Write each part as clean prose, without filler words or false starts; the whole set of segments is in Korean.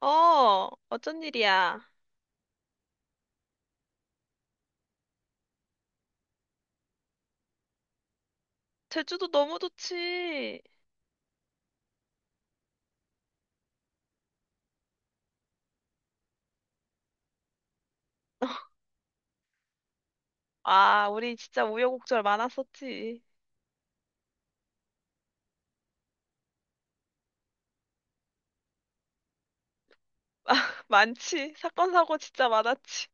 어, 어쩐 일이야? 제주도 너무 좋지. 아, 우리 진짜 우여곡절 많았었지. 많지. 사건, 사고 진짜 많았지.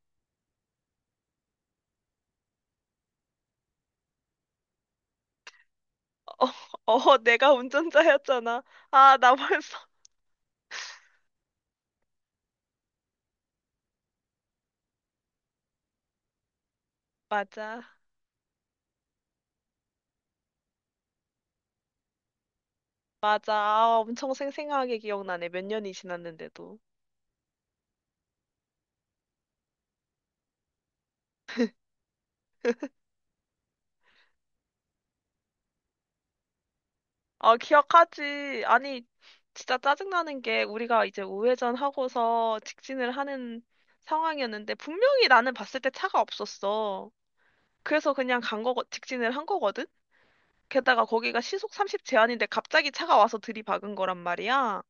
어, 어, 내가 운전자였잖아. 아, 나 벌써. 맞아. 맞아. 아, 엄청 생생하게 기억나네. 몇 년이 지났는데도. 아, 기억하지. 아니, 진짜 짜증나는 게 우리가 이제 우회전 하고서 직진을 하는 상황이었는데 분명히 나는 봤을 때 차가 없었어. 그래서 그냥 간 거, 직진을 한 거거든? 게다가 거기가 시속 30 제한인데 갑자기 차가 와서 들이박은 거란 말이야.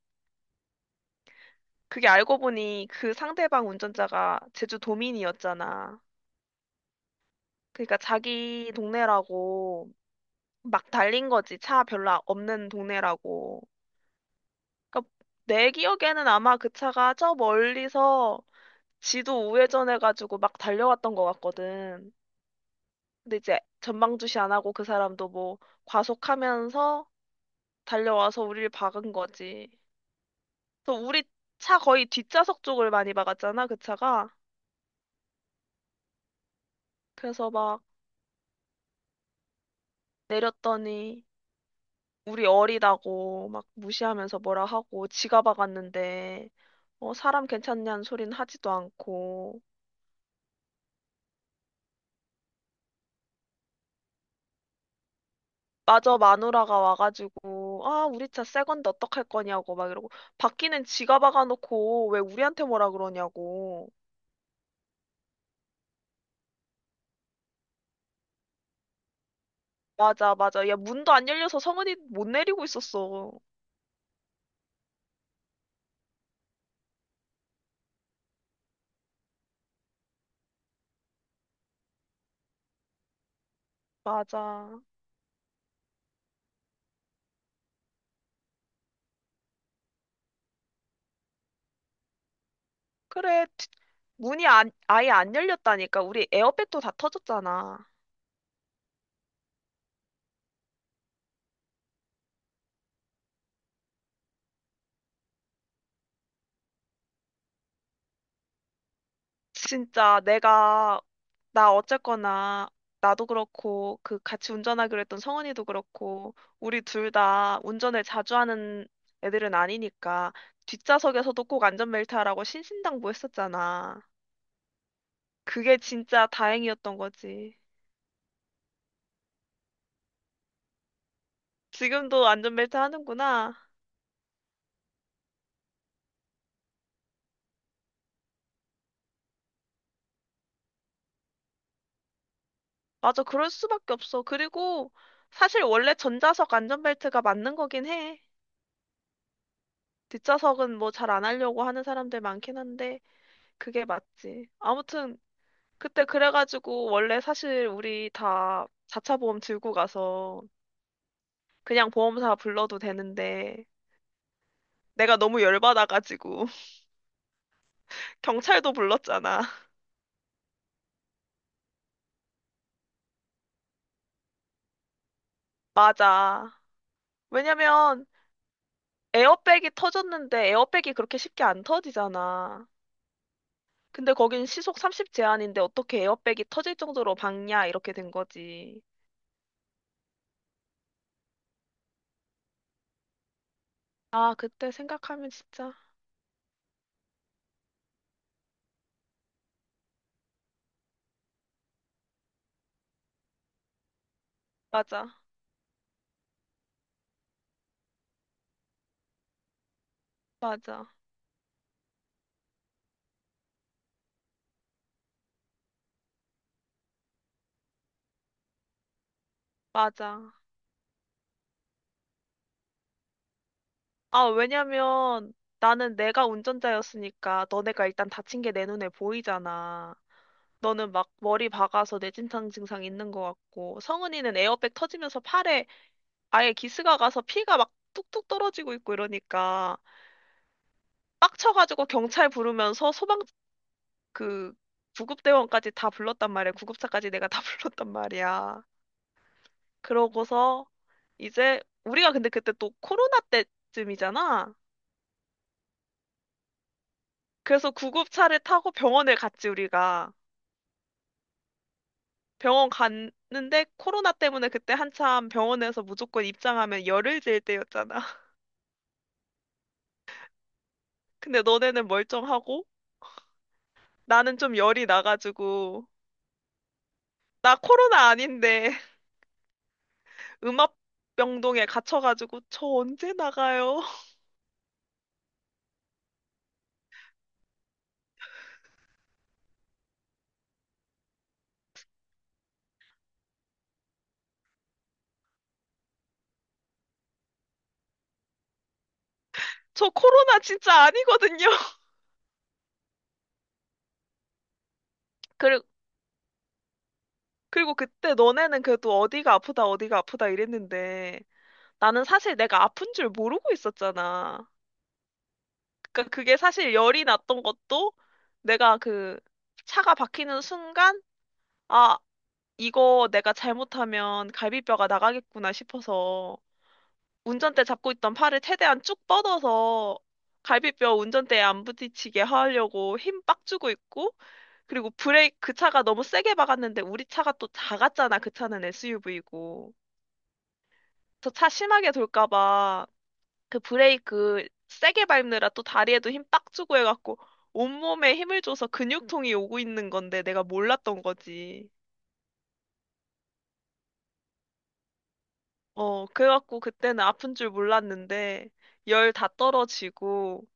그게 알고 보니 그 상대방 운전자가 제주 도민이었잖아. 그러니까 자기 동네라고 막 달린 거지. 차 별로 없는 동네라고. 그러니까 내 기억에는 아마 그 차가 저 멀리서 지도 우회전해가지고 막 달려왔던 것 같거든. 근데 이제 전방주시 안 하고 그 사람도 뭐 과속하면서 달려와서 우리를 박은 거지. 그래서 우리 차 거의 뒷좌석 쪽을 많이 박았잖아, 그 차가. 그래서 막 내렸더니 우리 어리다고 막 무시하면서 뭐라 하고 지가 박았는데 어, 사람 괜찮냐는 소리는 하지도 않고 마저 마누라가 와가지고 아, 우리 차 새 건데 어떡할 거냐고 막 이러고 바퀴는 지가 박아놓고 왜 우리한테 뭐라 그러냐고. 맞아, 맞아. 야, 문도 안 열려서 성은이 못 내리고 있었어. 맞아. 그래, 문이 안, 아예 안 열렸다니까. 우리 에어백도 다 터졌잖아. 진짜 내가, 나 어쨌거나, 나도 그렇고, 그 같이 운전하기로 했던 성은이도 그렇고, 우리 둘 다 운전을 자주 하는 애들은 아니니까, 뒷좌석에서도 꼭 안전벨트 하라고 신신당부했었잖아. 그게 진짜 다행이었던 거지. 지금도 안전벨트 하는구나. 맞아, 그럴 수밖에 없어. 그리고, 사실 원래 전자석 안전벨트가 맞는 거긴 해. 뒷좌석은 뭐 잘 안 하려고 하는 사람들 많긴 한데 그게 맞지. 아무튼 그때 그래가지고 원래 사실 우리 다 자차 보험 들고 가서 그냥 보험사 불러도 되는데 내가 너무 열받아가지고 경찰도 불렀잖아. 맞아. 왜냐면 에어백이 터졌는데 에어백이 그렇게 쉽게 안 터지잖아. 근데 거긴 시속 30 제한인데 어떻게 에어백이 터질 정도로 박냐 이렇게 된 거지. 아, 그때 생각하면 진짜 맞아. 맞아. 맞아. 아, 왜냐면 나는 내가 운전자였으니까 너네가 일단 다친 게 내 눈에 보이잖아. 너는 막 머리 박아서 뇌진탕 증상 있는 것 같고, 성은이는 에어백 터지면서 팔에 아예 기스가 가서 피가 막 뚝뚝 떨어지고 있고 이러니까 빡쳐가지고 경찰 부르면서 소방 그 구급대원까지 다 불렀단 말이야. 구급차까지 내가 다 불렀단 말이야. 그러고서 이제 우리가 근데 그때 또 코로나 때쯤이잖아. 그래서 구급차를 타고 병원을 갔지, 우리가. 병원 갔는데 코로나 때문에 그때 한참 병원에서 무조건 입장하면 열을 질 때였잖아. 근데 너네는 멀쩡하고 나는 좀 열이 나가지고 나 코로나 아닌데 음압병동에 갇혀가지고 저 언제 나가요? 저 코로나 진짜 아니거든요. 그리고 그리고 그때 너네는 그래도 어디가 아프다 어디가 아프다 이랬는데 나는 사실 내가 아픈 줄 모르고 있었잖아. 그러니까 그게 사실 열이 났던 것도 내가 그 차가 박히는 순간, 아, 이거 내가 잘못하면 갈비뼈가 나가겠구나 싶어서 운전대 잡고 있던 팔을 최대한 쭉 뻗어서 갈비뼈 운전대에 안 부딪히게 하려고 힘 빡 주고 있고, 그리고 브레이크, 그 차가 너무 세게 박았는데 우리 차가 또 작았잖아. 그 차는 SUV고. 저 차 심하게 돌까 봐. 그 브레이크 세게 밟느라 또 다리에도 힘 빡 주고 해갖고 온몸에 힘을 줘서 근육통이 오고 있는 건데 내가 몰랐던 거지. 어, 그래갖고 그때는 아픈 줄 몰랐는데 열 다 떨어지고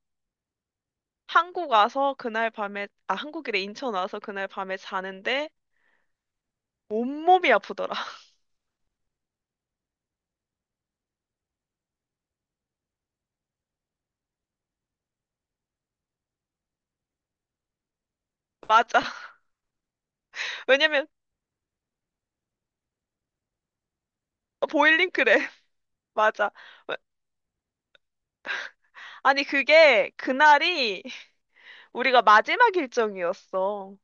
한국 와서 그날 밤에, 아, 한국이래 인천 와서 그날 밤에 자는데 온몸이 아프더라. 맞아. 왜냐면 보일링크래. 맞아. 아니, 그게 그날이 우리가 마지막 일정이었어.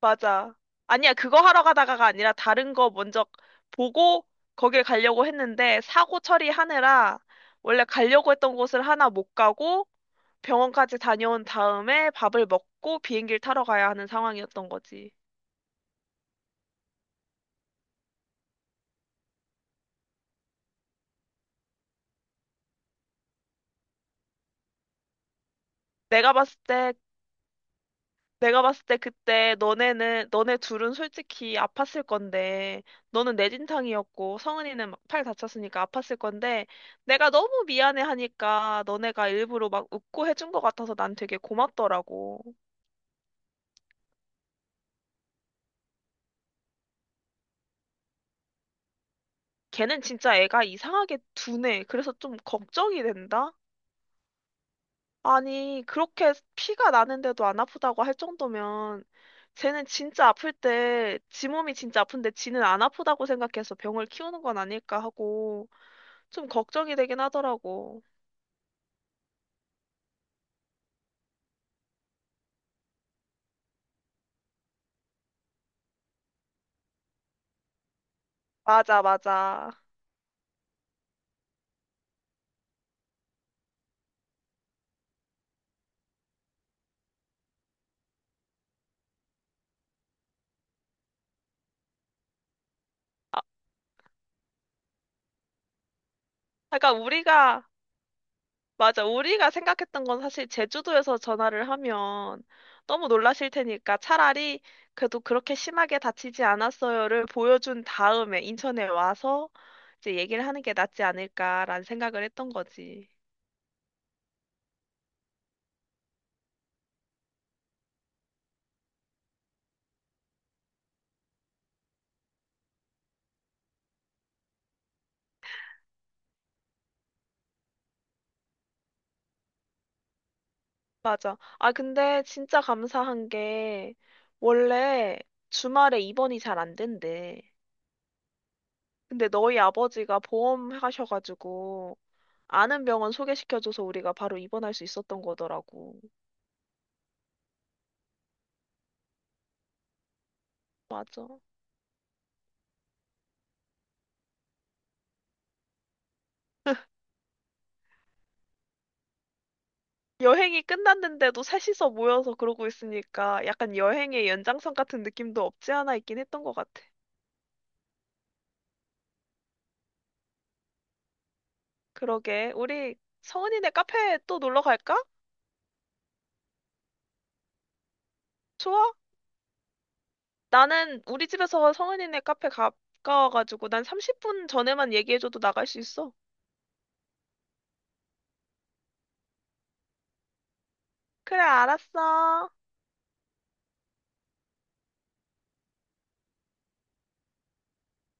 맞아. 아니야, 그거 하러 가다가가 아니라 다른 거 먼저 보고 거길 가려고 했는데 사고 처리하느라 원래 가려고 했던 곳을 하나 못 가고 병원까지 다녀온 다음에 밥을 먹고 비행기를 타러 가야 하는 상황이었던 거지. 내가 봤을 때 내가 봤을 때 그때 너네는, 너네 둘은 솔직히 아팠을 건데, 너는 내진탕이었고, 성은이는 막 팔 다쳤으니까 아팠을 건데, 내가 너무 미안해 하니까 너네가 일부러 막 웃고 해준 것 같아서 난 되게 고맙더라고. 걔는 진짜 애가 이상하게 둔해. 그래서 좀 걱정이 된다? 아니, 그렇게 피가 나는데도 안 아프다고 할 정도면, 쟤는 진짜 아플 때, 지 몸이 진짜 아픈데 지는 안 아프다고 생각해서 병을 키우는 건 아닐까 하고, 좀 걱정이 되긴 하더라고. 맞아, 맞아. 그러니까 우리가, 맞아, 우리가 생각했던 건 사실 제주도에서 전화를 하면 너무 놀라실 테니까 차라리 그래도 그렇게 심하게 다치지 않았어요를 보여준 다음에 인천에 와서 이제 얘기를 하는 게 낫지 않을까라는 생각을 했던 거지. 맞아. 아, 근데 진짜 감사한 게 원래 주말에 입원이 잘 안 된대. 근데 너희 아버지가 보험 하셔가지고 아는 병원 소개시켜줘서 우리가 바로 입원할 수 있었던 거더라고. 맞아. 여행이 끝났는데도 셋이서 모여서 그러고 있으니까 약간 여행의 연장선 같은 느낌도 없지 않아 있긴 했던 것 같아. 그러게. 우리 성은이네 카페 또 놀러 갈까? 좋아. 나는 우리 집에서 성은이네 카페 가까워가지고 난 30분 전에만 얘기해줘도 나갈 수 있어. 그래, 알았어.